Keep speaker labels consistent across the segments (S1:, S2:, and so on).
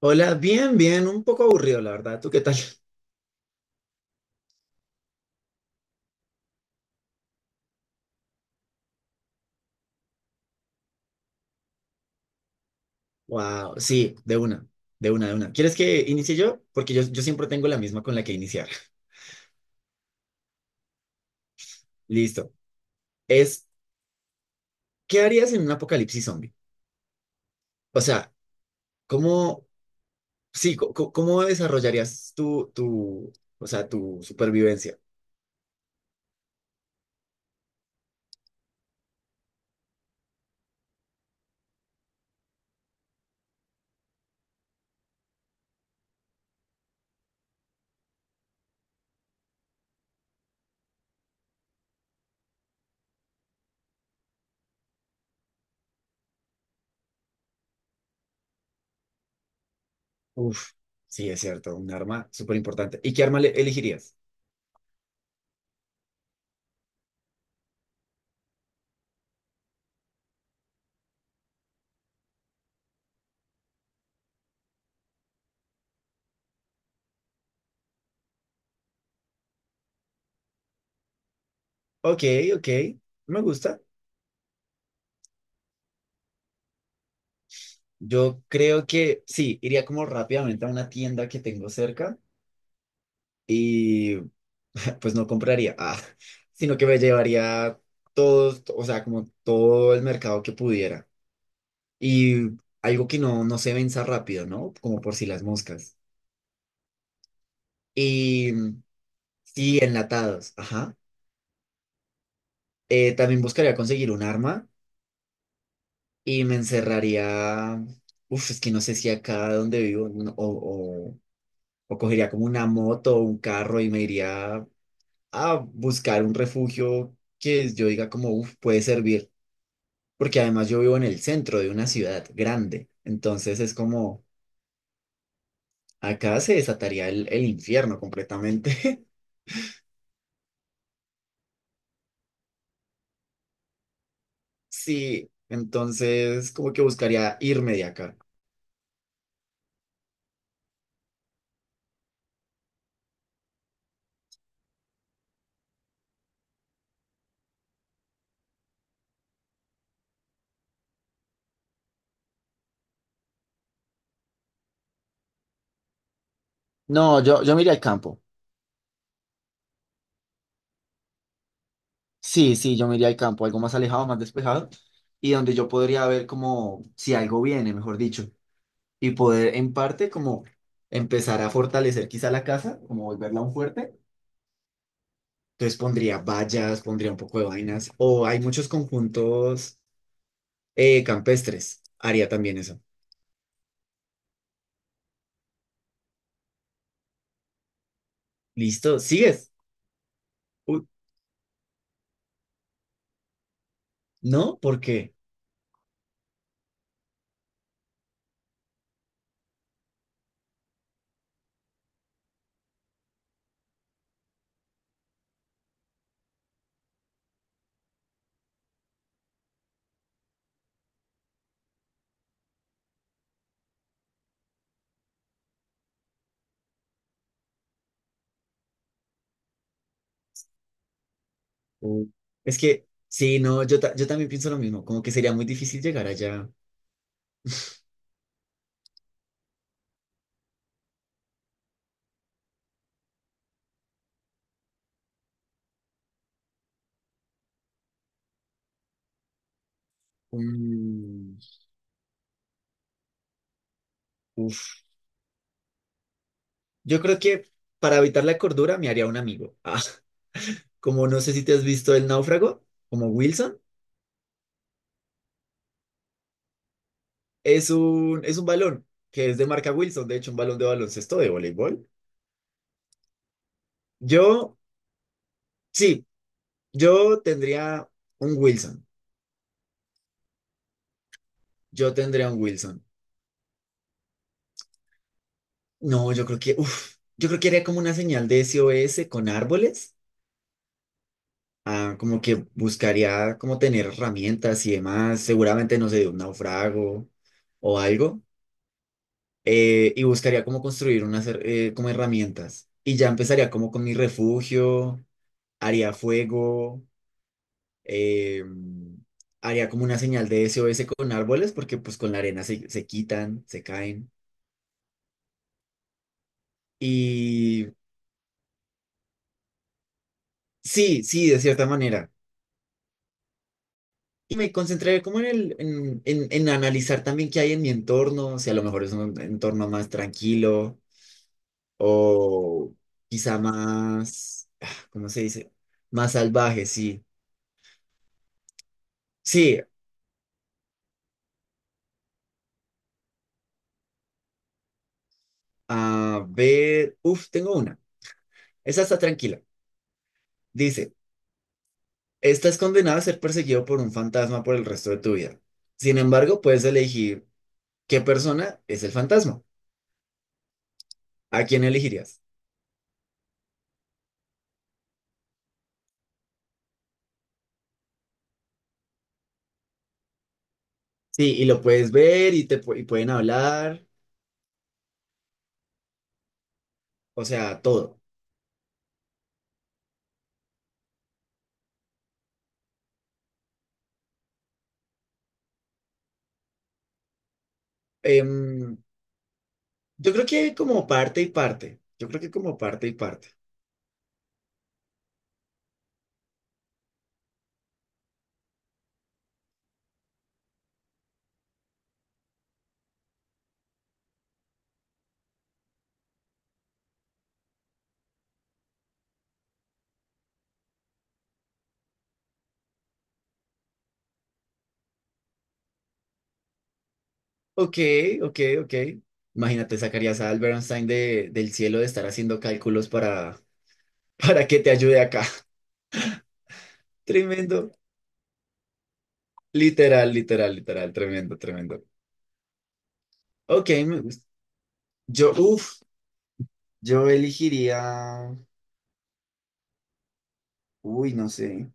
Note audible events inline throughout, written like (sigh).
S1: Hola, bien, bien, un poco aburrido, la verdad. ¿Tú qué tal? (laughs) Wow, sí, de una, de una, de una. ¿Quieres que inicie yo? Porque yo siempre tengo la misma con la que iniciar. (laughs) Listo. Es, ¿Qué harías en un apocalipsis zombie? O sea, ¿cómo, sí, cómo desarrollarías o sea, tu supervivencia? Uf, sí, es cierto, un arma súper importante. ¿Y qué arma elegirías? Ok, ok, me gusta. Yo creo que sí, iría como rápidamente a una tienda que tengo cerca y (laughs) pues no compraría, sino que me llevaría todos, o sea, como todo el mercado que pudiera. Y algo que no se venza rápido, ¿no? Como por si las moscas. Y sí, enlatados, ajá. También buscaría conseguir un arma y me encerraría, uf, es que no sé si acá donde vivo, no, o cogería como una moto o un carro y me iría a buscar un refugio que yo diga como, uf, puede servir porque además yo vivo en el centro de una ciudad grande, entonces es como, acá se desataría el infierno completamente. (laughs) Sí, entonces como que buscaría irme de acá. No, yo me iría al campo. Sí, sí, yo me iría al campo, algo más alejado, más despejado, y donde yo podría ver como si algo viene, mejor dicho, y poder en parte como empezar a fortalecer quizá la casa, como volverla un fuerte. Entonces pondría vallas, pondría un poco de vainas, o hay muchos conjuntos. Campestres. Haría también eso. ¿Listo? ¿Sigues? Uy, ¿no? ¿Por qué? Uy, es que, sí, no, yo, yo también pienso lo mismo. Como que sería muy difícil llegar allá. Mm, uf. Yo creo que para evitar la cordura me haría un amigo. (laughs) Como no sé si te has visto El Náufrago, como Wilson. Es un balón que es de marca Wilson. De hecho, un balón de baloncesto, de voleibol. Yo, sí, yo tendría un Wilson. Yo tendría un Wilson. No, yo creo que, uf, yo creo que haría como una señal de SOS con árboles, como que buscaría como tener herramientas y demás, seguramente no sé, de un naufrago o algo, y buscaría como construir unas como herramientas. Y ya empezaría como con mi refugio, haría fuego, eh, haría como una señal de SOS con árboles, porque pues con la arena se quitan, se caen. Y sí, sí, de cierta manera. Y me concentré como en, en analizar también qué hay en mi entorno, si a lo mejor es un entorno más tranquilo o quizá más, ¿cómo se dice? Más salvaje, sí. Sí, a ver, uf, tengo una. Esa está tranquila. Dice, estás condenado a ser perseguido por un fantasma por el resto de tu vida. Sin embargo, puedes elegir qué persona es el fantasma. ¿A quién elegirías? Sí, y lo puedes ver y te y pueden hablar, o sea, todo. Em, yo creo que como parte y parte. Yo creo que como parte y parte. Ok, ok, ok. Imagínate, sacarías a Albert Einstein de, del cielo de estar haciendo cálculos para, (laughs) para que te ayude acá. (laughs) Tremendo. Literal, literal, literal. Tremendo, tremendo. Ok, me gusta. Yo, uff, yo elegiría. Uy, no sé.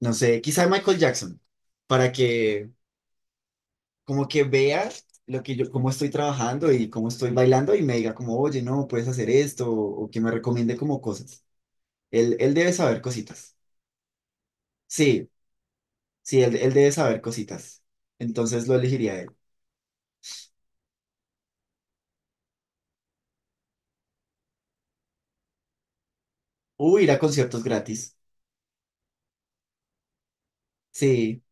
S1: No sé, quizá Michael Jackson. Para que, como que vea lo que yo, cómo estoy trabajando y cómo estoy bailando y me diga como, oye, no, puedes hacer esto, o que me recomiende como cosas. Él debe saber cositas. Sí, sí, él debe saber cositas. Entonces lo elegiría él. O ir a conciertos gratis. Sí,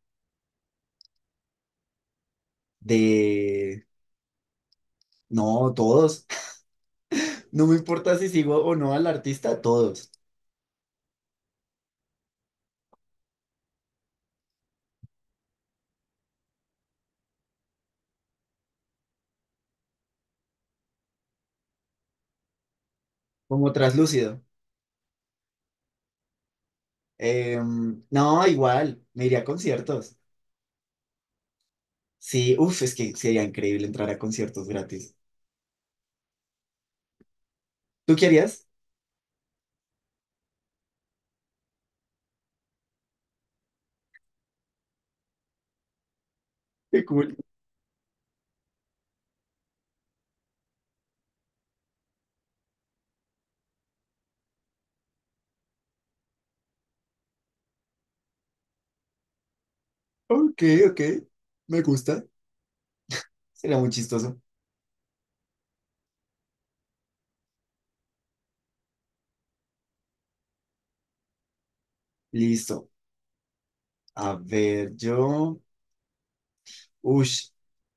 S1: de... No, todos. (laughs) No me importa si sigo o no al artista, todos. Como traslúcido. No, igual, me iría a conciertos. Sí, uff, es que sería increíble entrar a conciertos gratis. ¿Tú querías? Qué cool. Ok, ok. Me gusta. Sería muy chistoso. Listo. A ver, yo. Ush.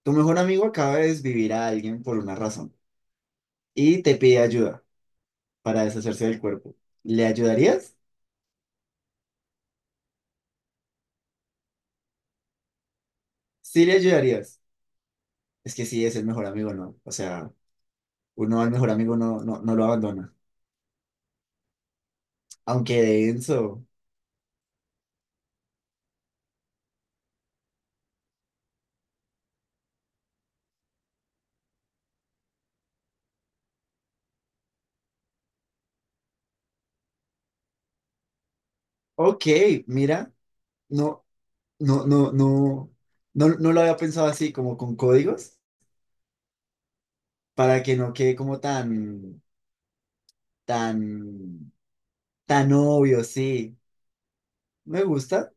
S1: Tu mejor amigo acaba de desvivir a alguien por una razón y te pide ayuda para deshacerse del cuerpo. ¿Le ayudarías? Sí, le ayudarías. Es que sí, es el mejor amigo, ¿no? O sea, uno al mejor amigo no, no lo abandona. Aunque denso. Ok, mira. No, no, no, no. No, no lo había pensado así, como con códigos, para que no quede como tan. Tan, tan obvio, sí. Me gusta.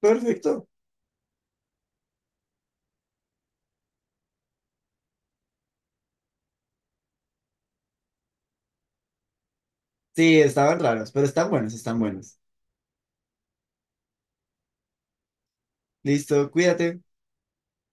S1: Perfecto. Sí, estaban raros, pero están buenos, están buenos. Listo, cuídate.